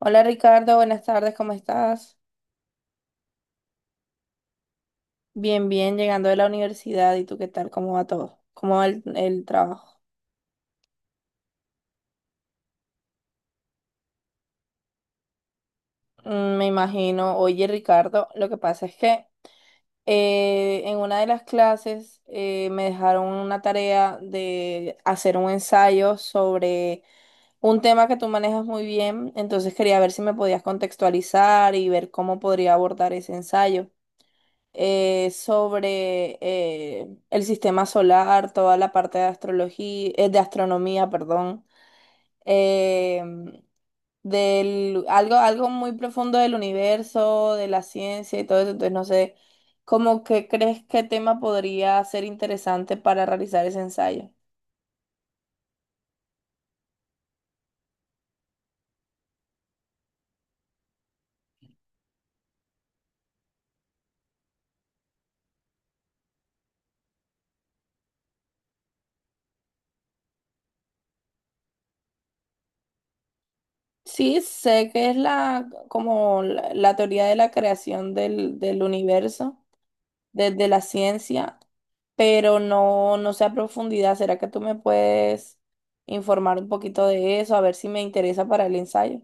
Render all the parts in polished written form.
Hola Ricardo, buenas tardes, ¿cómo estás? Bien, bien, llegando de la universidad. ¿Y tú qué tal? ¿Cómo va todo? ¿Cómo va el trabajo? Me imagino. Oye Ricardo, lo que pasa es que en una de las clases me dejaron una tarea de hacer un ensayo sobre un tema que tú manejas muy bien, entonces quería ver si me podías contextualizar y ver cómo podría abordar ese ensayo. Sobre el sistema solar, toda la parte de astrología, de astronomía, perdón, eh, del, algo muy profundo del universo, de la ciencia y todo eso. Entonces, no sé, ¿cómo que crees qué tema podría ser interesante para realizar ese ensayo? Sí, sé que es la teoría de la creación del universo, desde la ciencia, pero no, no sé a profundidad. ¿Será que tú me puedes informar un poquito de eso? A ver si me interesa para el ensayo.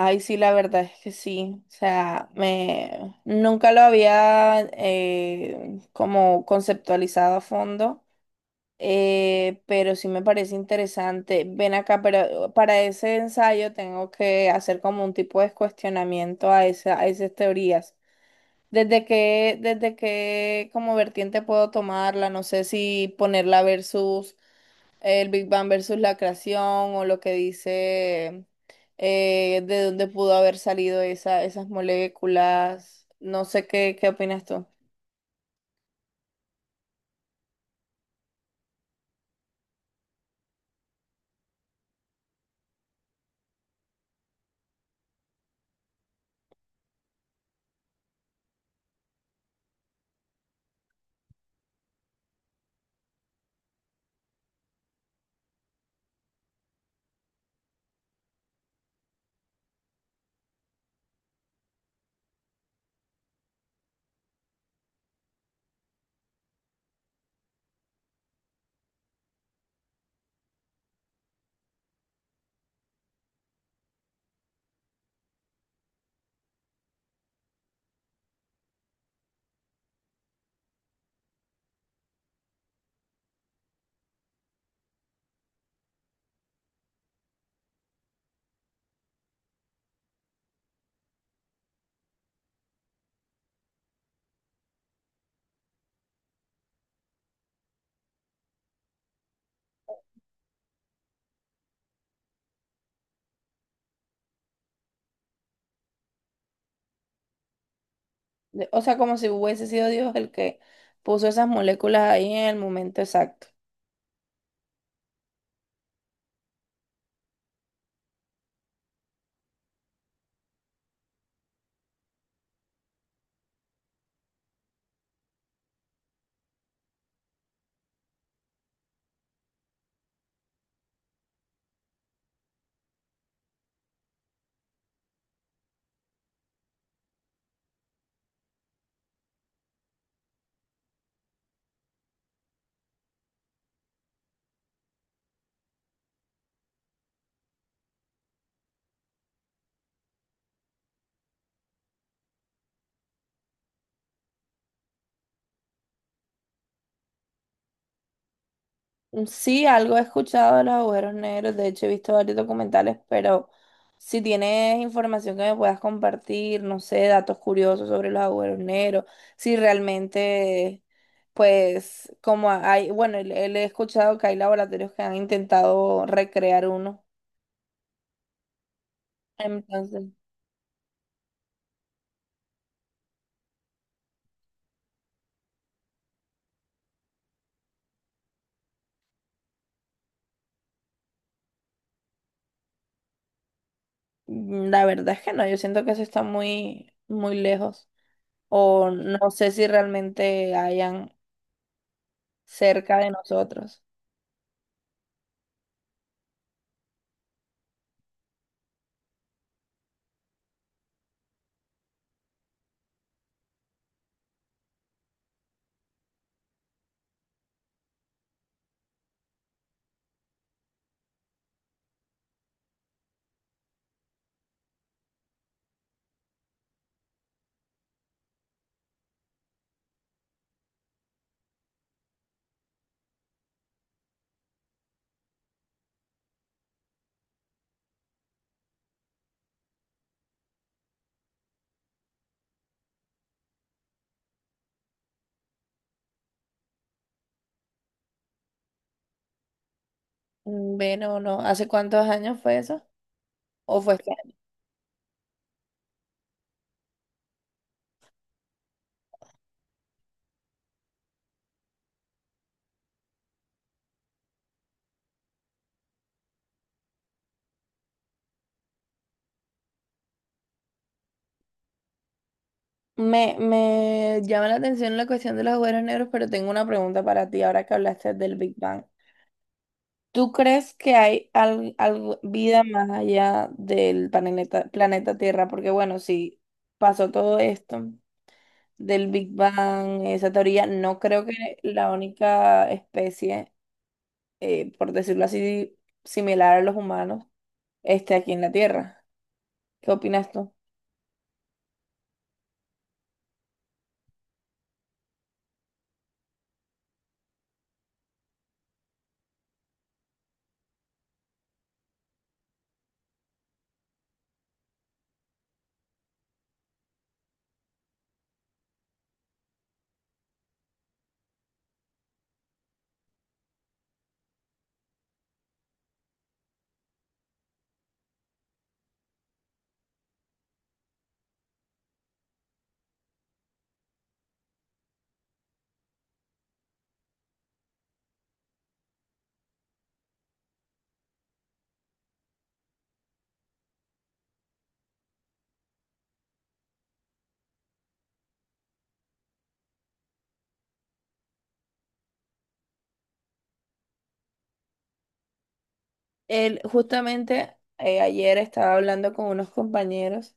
Ay, sí, la verdad es que sí. O sea, me nunca lo había como conceptualizado a fondo, pero sí me parece interesante. Ven acá, pero para ese ensayo tengo que hacer como un tipo de cuestionamiento a a esas teorías. Desde qué como vertiente puedo tomarla? No sé si ponerla versus el Big Bang versus la creación o lo que dice de dónde pudo haber salido esas moléculas. No sé qué, qué opinas tú. De- O sea, como si hubiese sido Dios el que puso esas moléculas ahí en el momento exacto. Sí, algo he escuchado de los agujeros negros, de hecho he visto varios documentales, pero si tienes información que me puedas compartir, no sé, datos curiosos sobre los agujeros negros, si realmente, pues, como hay, bueno, le he escuchado que hay laboratorios que han intentado recrear uno, entonces, mm, la verdad es que no, yo siento que eso está muy, muy lejos, o no sé si realmente hayan cerca de nosotros. Bueno, no, ¿hace cuántos años fue eso? ¿O fue este año? Me llama la atención la cuestión de los agujeros negros, pero tengo una pregunta para ti ahora que hablaste del Big Bang. ¿Tú crees que hay al- algo- vida más allá del planeta, planeta Tierra? Porque bueno, si pasó todo esto del Big Bang, esa teoría, no creo que la única especie, por decirlo así, similar a los humanos, esté aquí en la Tierra. ¿Qué opinas tú? Él, justamente ayer estaba hablando con unos compañeros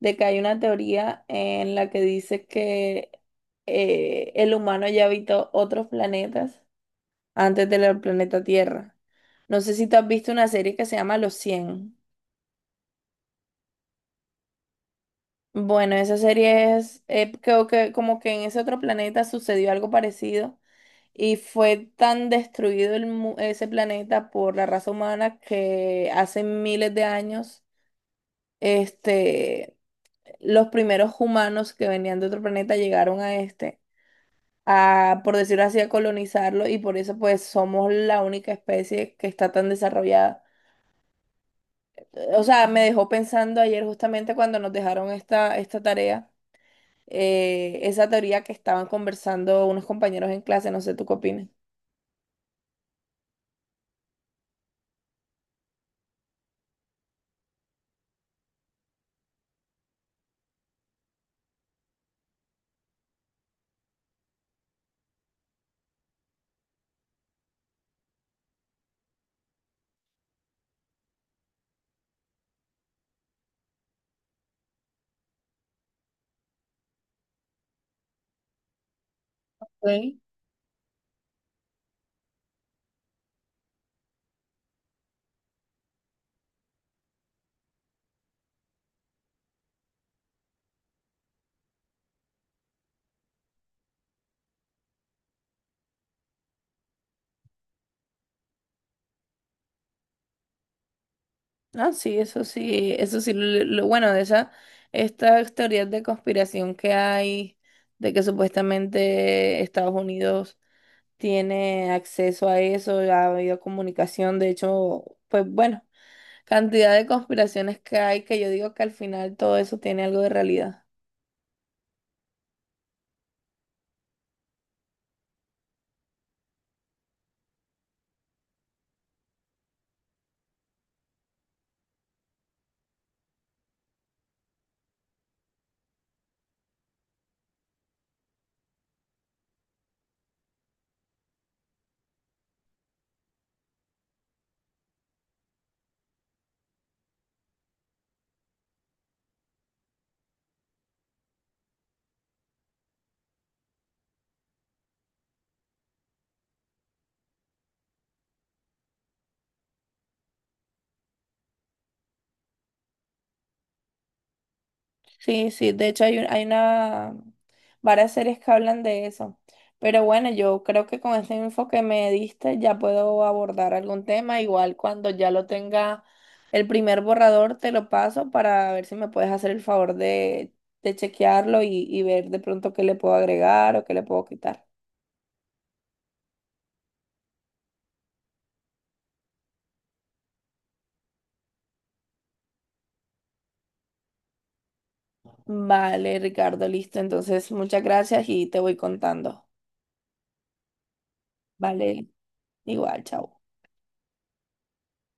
de que hay una teoría en la que dice que el humano ya habitó otros planetas antes del planeta Tierra. No sé si tú has visto una serie que se llama Los Cien. Bueno, esa serie es, creo que como que en ese otro planeta sucedió algo parecido y fue tan destruido el mu- ese planeta por la raza humana, que hace miles de años, este, los primeros humanos que venían de otro planeta llegaron a este, a, por decirlo así, a colonizarlo, y por eso pues somos la única especie que está tan desarrollada. O sea, me dejó pensando ayer justamente cuando nos dejaron esta tarea, esa teoría que estaban conversando unos compañeros en clase, no sé, ¿tú qué opinas? Ok. Ah, sí, eso sí, eso sí, lo- bueno de esa, estas teorías de conspiración que hay, de que supuestamente Estados Unidos tiene acceso a eso, ha habido comunicación, de hecho, pues bueno, cantidad de conspiraciones que hay, que yo digo que al final todo eso tiene algo de realidad. Sí, sí, de hecho hay, un- hay una, varias series que hablan de eso, pero bueno, yo creo que con este info que me diste ya puedo abordar algún tema, igual cuando ya lo tenga el primer borrador te lo paso para ver si me puedes hacer el favor de chequearlo y ver de pronto qué le puedo agregar o qué le puedo quitar. Vale, Ricardo, listo. Entonces, muchas gracias y te voy contando. Vale, igual, chao.